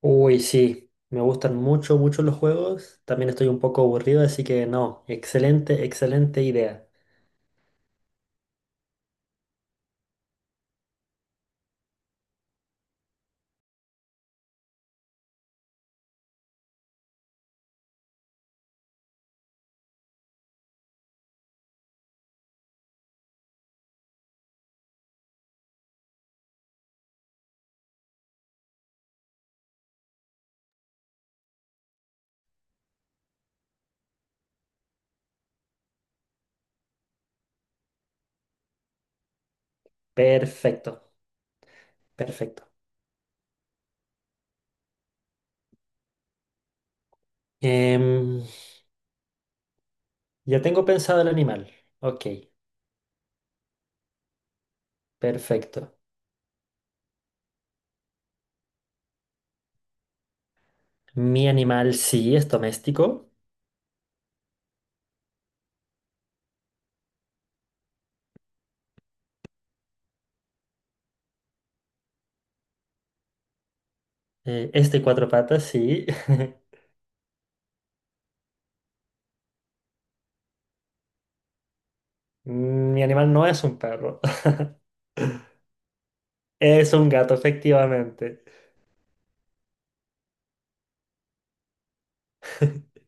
Uy, sí, me gustan mucho, mucho los juegos. También estoy un poco aburrido, así que no, excelente, excelente idea. Perfecto, perfecto. Em, ya tengo pensado el animal. Ok, perfecto. Mi animal sí es doméstico. Es de cuatro patas, sí. Mi animal no es un perro. Es un gato, efectivamente.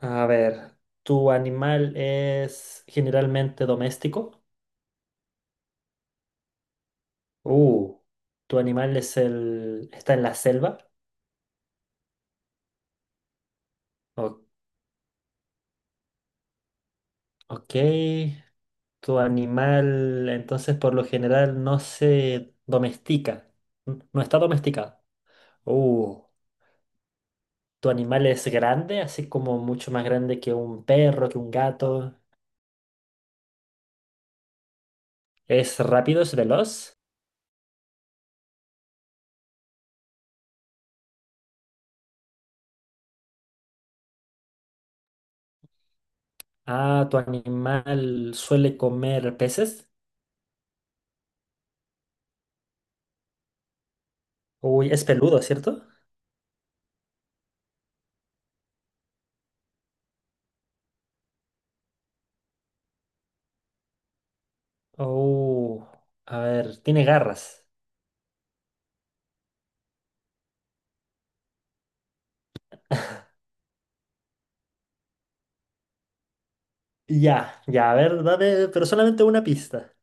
A ver, ¿tu animal es generalmente doméstico? Uh, ¿Tu animal es el... está en la selva? O- ok. ¿Tu animal entonces por lo general no se domestica? No está domesticado. Uh, ¿Tu animal es grande? Así como mucho más grande que un perro, que un gato. ¿Es rápido, es veloz? Ah, ¿tu animal suele comer peces? Uy, es peludo, ¿cierto? Oh, a ver, tiene garras. Ya, ya, a ver, dame, pero solamente una pista.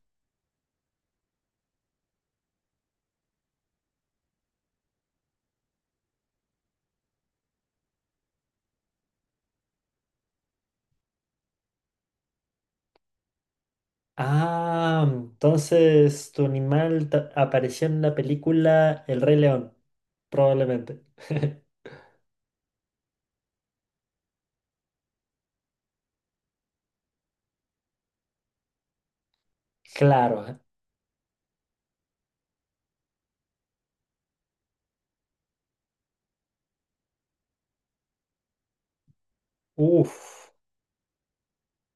Ah, entonces apareció en la película El Rey León, probablemente. Claro, ¿eh? Uf,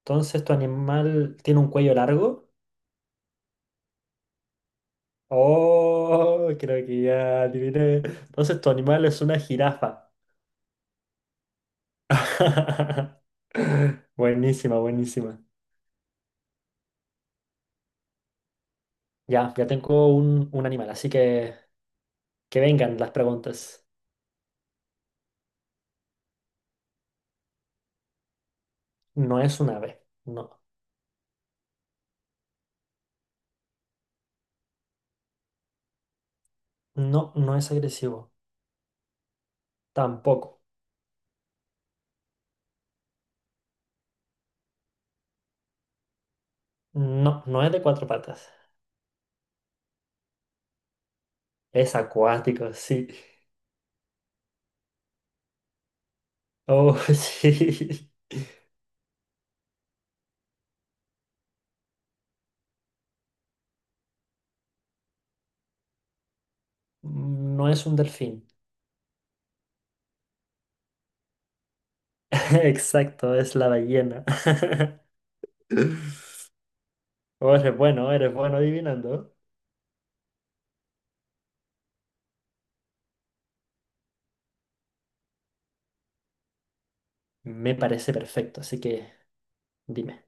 entonces tu animal tiene un cuello largo. Oh, creo que ya adiviné. Entonces tu animal es una jirafa. Buenísima, buenísima. Ya, ya tengo un animal, así que vengan las preguntas. No es un ave, no, no, no es agresivo, tampoco. No, no es de cuatro patas. Es acuático, sí. Oh, sí. No es un delfín. Exacto, es la ballena. Oh, eres bueno adivinando. Me parece perfecto, así que dime.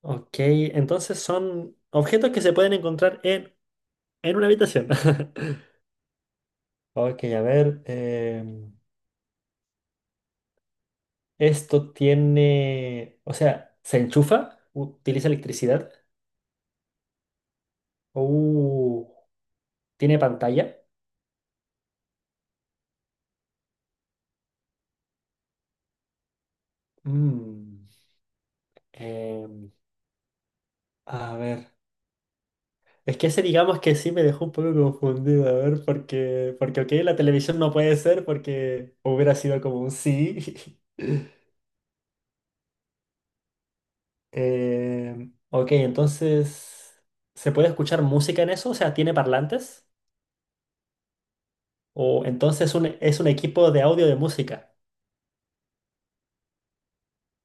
Ok, entonces son objetos que se pueden encontrar en una habitación. Ok, a ver. Esto tiene. O sea, se enchufa, utiliza electricidad. Uh, Tiene pantalla. Mm, em, a ver. Es que ese digamos que sí me dejó un poco confundido, a ver, porque, porque ok, la televisión no puede ser porque hubiera sido como un sí. Ok, entonces, ¿se puede escuchar música en eso? O sea, ¿tiene parlantes? O entonces es un equipo de audio de música.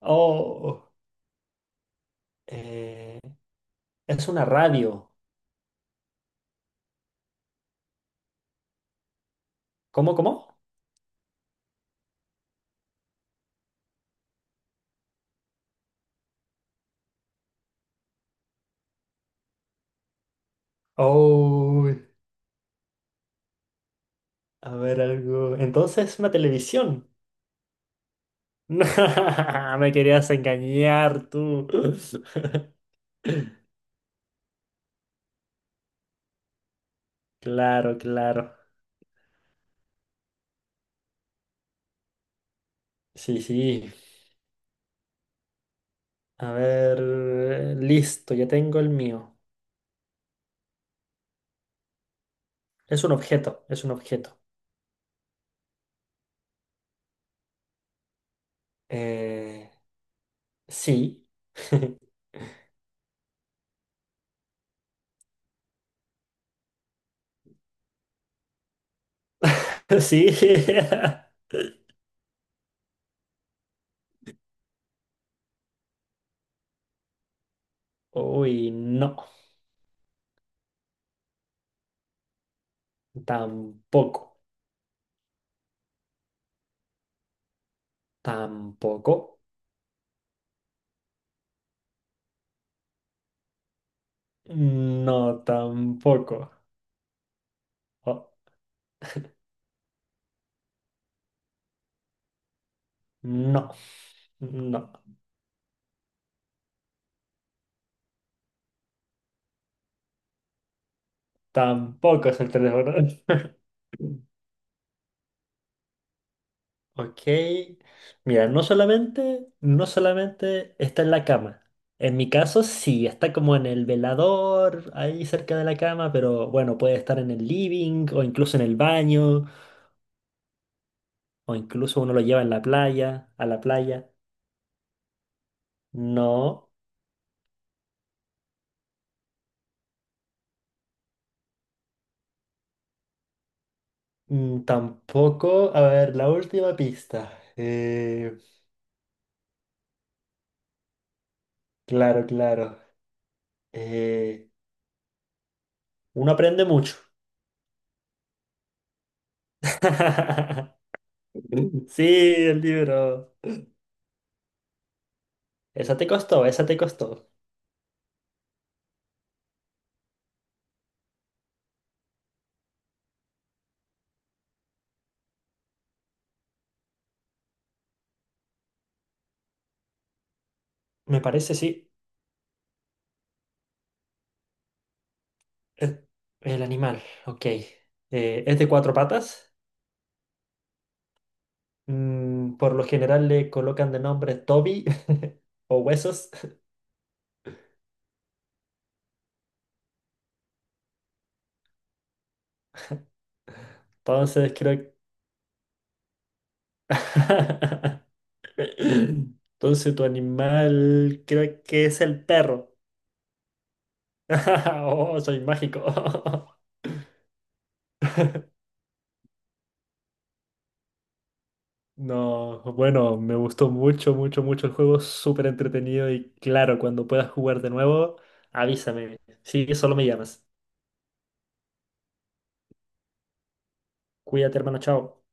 Oh, eh, es una radio. ¿Cómo, cómo? Oh, a ver algo. Entonces, una televisión. Me querías engañar tú. Claro, claro. Sí, sí. A ver, listo, ya tengo el mío. Es un objeto, es un objeto. Eh, sí. Sí. Uy, no. Tampoco. Tampoco. No, tampoco. Oh, no. No. Tampoco es el teléfono. Ok. Mira, no solamente, no solamente está en la cama. En mi caso, sí, está como en el velador, ahí cerca de la cama, pero bueno, puede estar en el living o incluso en el baño, o incluso uno lo lleva en la playa, a la playa. No, mm, tampoco. A ver, la última pista. Claro, claro. Eh, uno aprende mucho. Sí, el libro. Esa te costó, esa te costó. Me parece, sí. El, el animal, ok. Es de cuatro patas. Por lo general le colocan de nombre Toby o huesos. Entonces creo... Entonces tu animal creo que es el perro. Oh, soy mágico. No, bueno, me gustó mucho, mucho, mucho el juego. Súper entretenido y claro, cuando puedas jugar de nuevo, avísame. Sí, solo me llamas. Cuídate, hermano, chao.